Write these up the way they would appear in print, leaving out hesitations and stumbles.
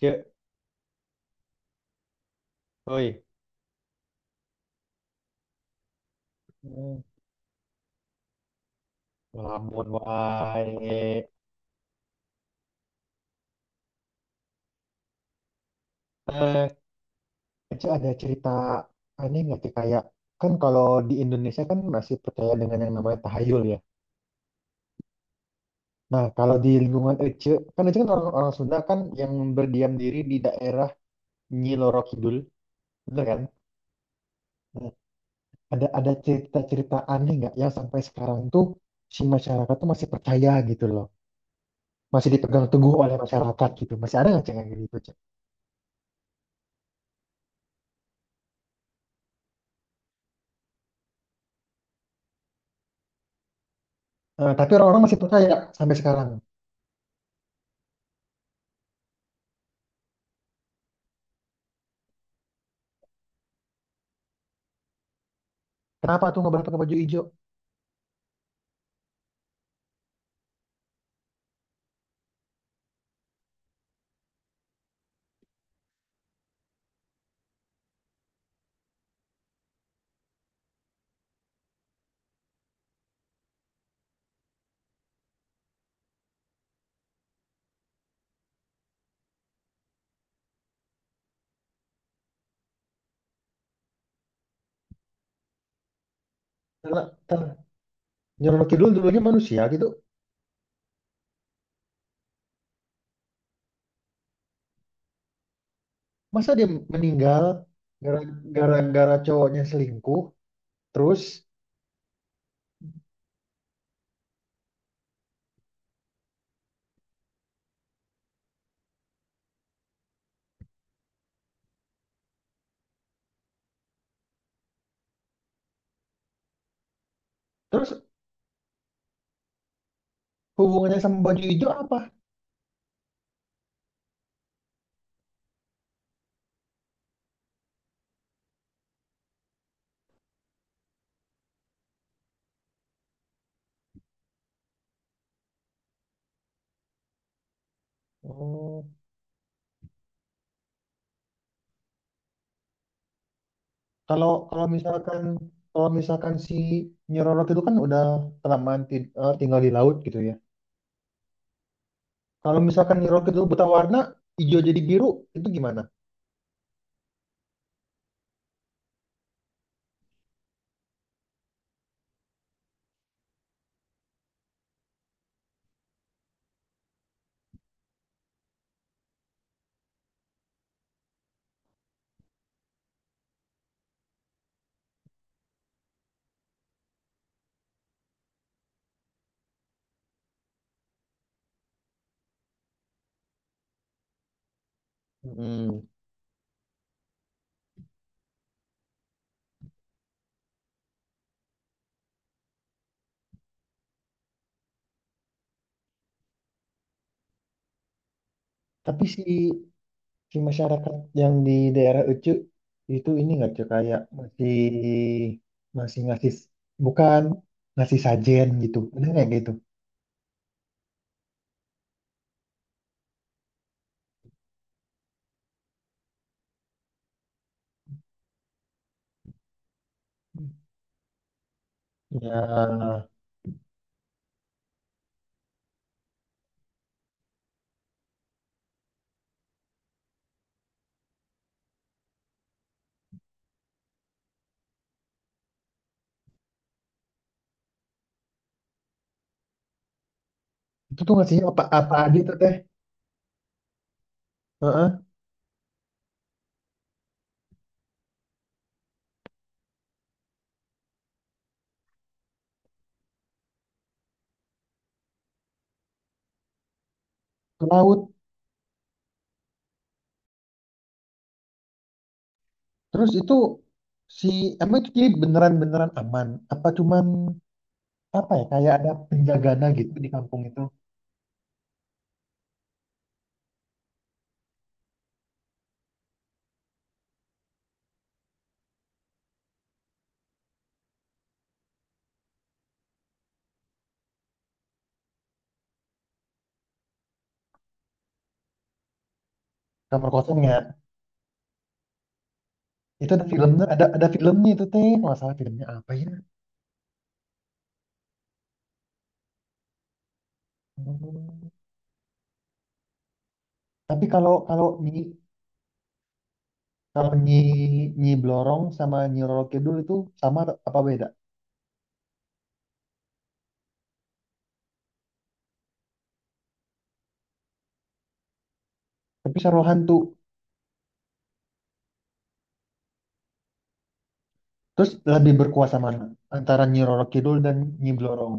Cek, oi, Hmm, ngelamun wae. Eh, Cek ada cerita aneh nggak sih kayak kan kalau di Indonesia kan masih percaya dengan yang namanya tahayul ya. Nah kalau di lingkungan Ece kan orang-orang Sunda kan yang berdiam diri di daerah Nyi Loro Kidul, bener kan? Nah, ada cerita-cerita aneh nggak yang sampai sekarang tuh si masyarakat tuh masih percaya gitu loh, masih dipegang teguh oleh masyarakat gitu, masih ada nggak Cek, yang gitu Cek? Tapi orang-orang masih percaya sampai sekarang. Kenapa tuh nggak boleh pakai baju hijau? Karena ter- Nyeroro Kidul dulunya manusia gitu. Masa dia meninggal gara- gara-gara cowoknya selingkuh? Terus terus hubungannya sama baju hijau apa? Oh, kalau kalau misalkan si Nyeroro Kidul kan udah kelamaan tinggal di laut gitu ya. Kalau misalkan Nyeroro Kidul buta warna, hijau jadi biru, itu gimana? Hmm. Tapi si si masyarakat yang di daerah Ucu itu ini nggak cuy kayak masih masih ngasih bukan ngasih sajen gitu bener nggak gitu ya itu tuh ngasihnya apa apa aja tuh teh Heeh, ke laut terus itu si emang itu jadi beneran beneran aman apa cuman apa ya kayak ada penjagana gitu di kampung itu kamar kosongnya itu ada filmnya ada filmnya itu teh nggak salah filmnya apa ya Hmm. Tapi kalau kalau ini kalau Nyi Nyi Blorong sama Nyi Roro Kidul itu sama apa beda? Tapi Saruhan hantu. Terus lebih berkuasa mana? Antara Nyi Roro Kidul dan Nyi Blorong.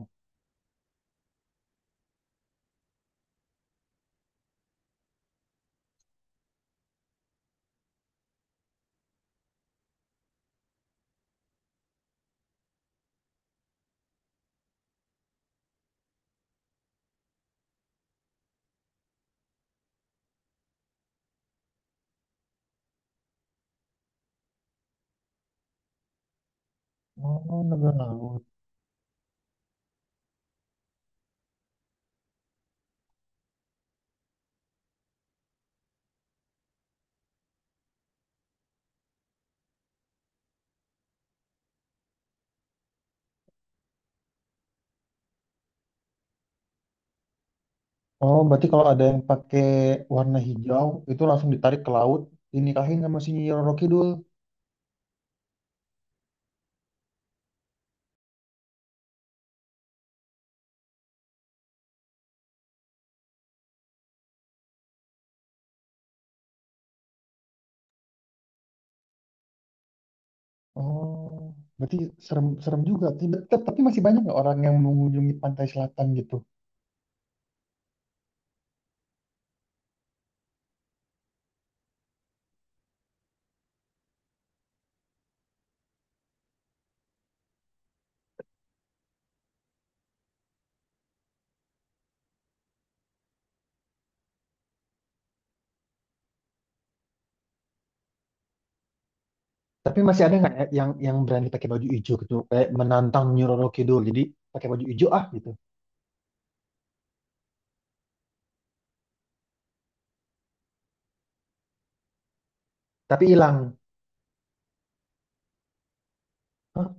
Oh, naga laut. Oh, berarti kalau ada yang pakai warna hijau, itu langsung ditarik ke laut, dinikahin sama si Nyi Roro Kidul. Oh, berarti serem, serem juga. Tidak, tapi masih banyak nggak orang yang mengunjungi pantai selatan gitu? Tapi masih ada nggak ya yang berani pakai baju hijau gitu, kayak menantang Nyi Roro Kidul, jadi pakai baju hijau ah gitu. Tapi hilang. Hah?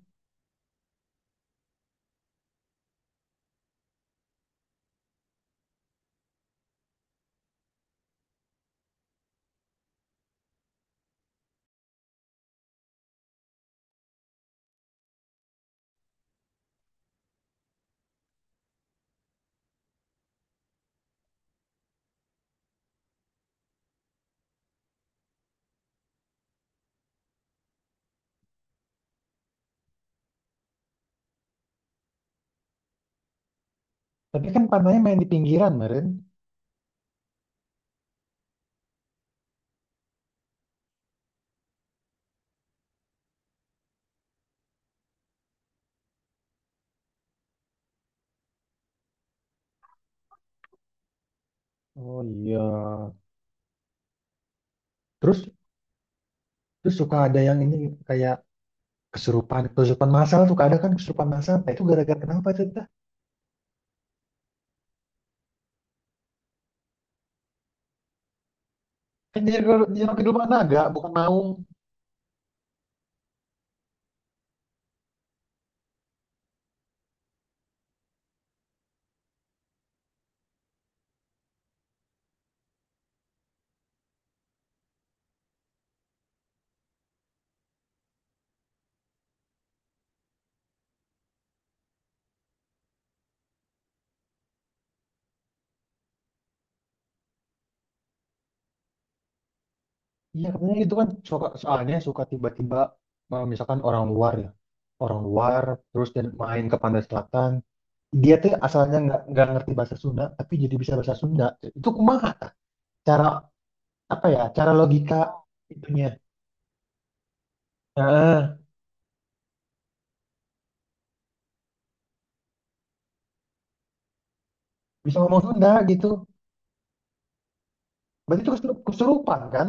Tapi kan pantainya main di pinggiran, Meren. Oh iya. Terus terus suka ada yang ini kayak kesurupan, kesurupan masalah suka ada kan kesurupan masalah. Nah, itu gara-gara kenapa itu kita? Kan jadi kehidupan naga, bukan maung. Iya katanya gitu kan. Suka soalnya suka tiba-tiba misalkan orang luar ya, orang luar terus dan main ke pantai selatan. Dia tuh asalnya nggak ngerti bahasa Sunda, tapi jadi bisa bahasa Sunda. Itu kumaha? Tah? Cara apa ya? Cara logika itunya. Nah, bisa ngomong Sunda gitu. Berarti itu kesurupan kan?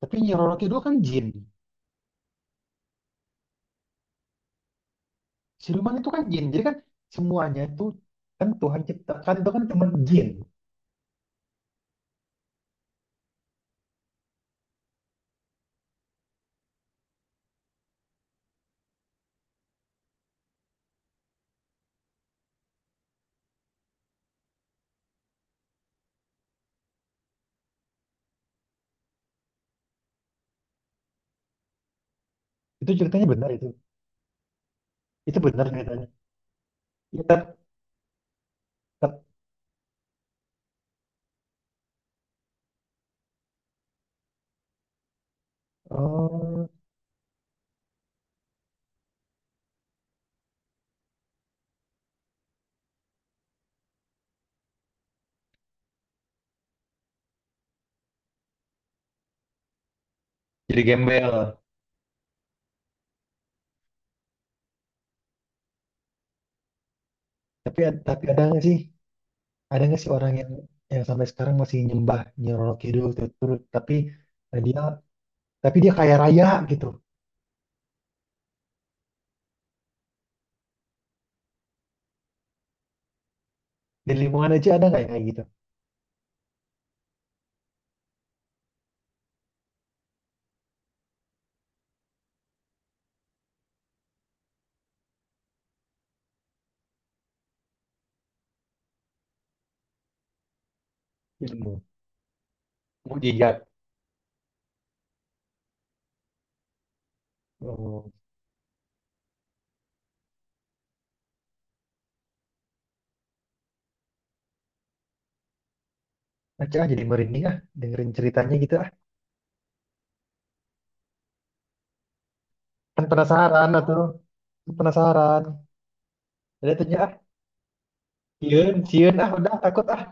Tapi Nyi Roro Kidul kan jin. Siluman itu kan jin. Jadi kan semuanya itu kan Tuhan ciptakan itu kan teman jin. Itu ceritanya benar itu. Itu benar ceritanya. Ya, tap, tap, oh, jadi gembel. Tapi tapi ada nggak sih? Ada nggak sih orang yang sampai sekarang masih nyembah Nyi Roro Kidul terus tuh, tapi dia tapi dia kaya raya gitu. Di lingkungan aja ada nggak yang kayak gitu? Ilmu, mujizat. Oh, aja ah, jadi merinding ah dengerin ceritanya gitu ah. Kan penasaran atau penasaran jadi tanya ah sieun sieun ah udah takut ah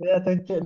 ya tanya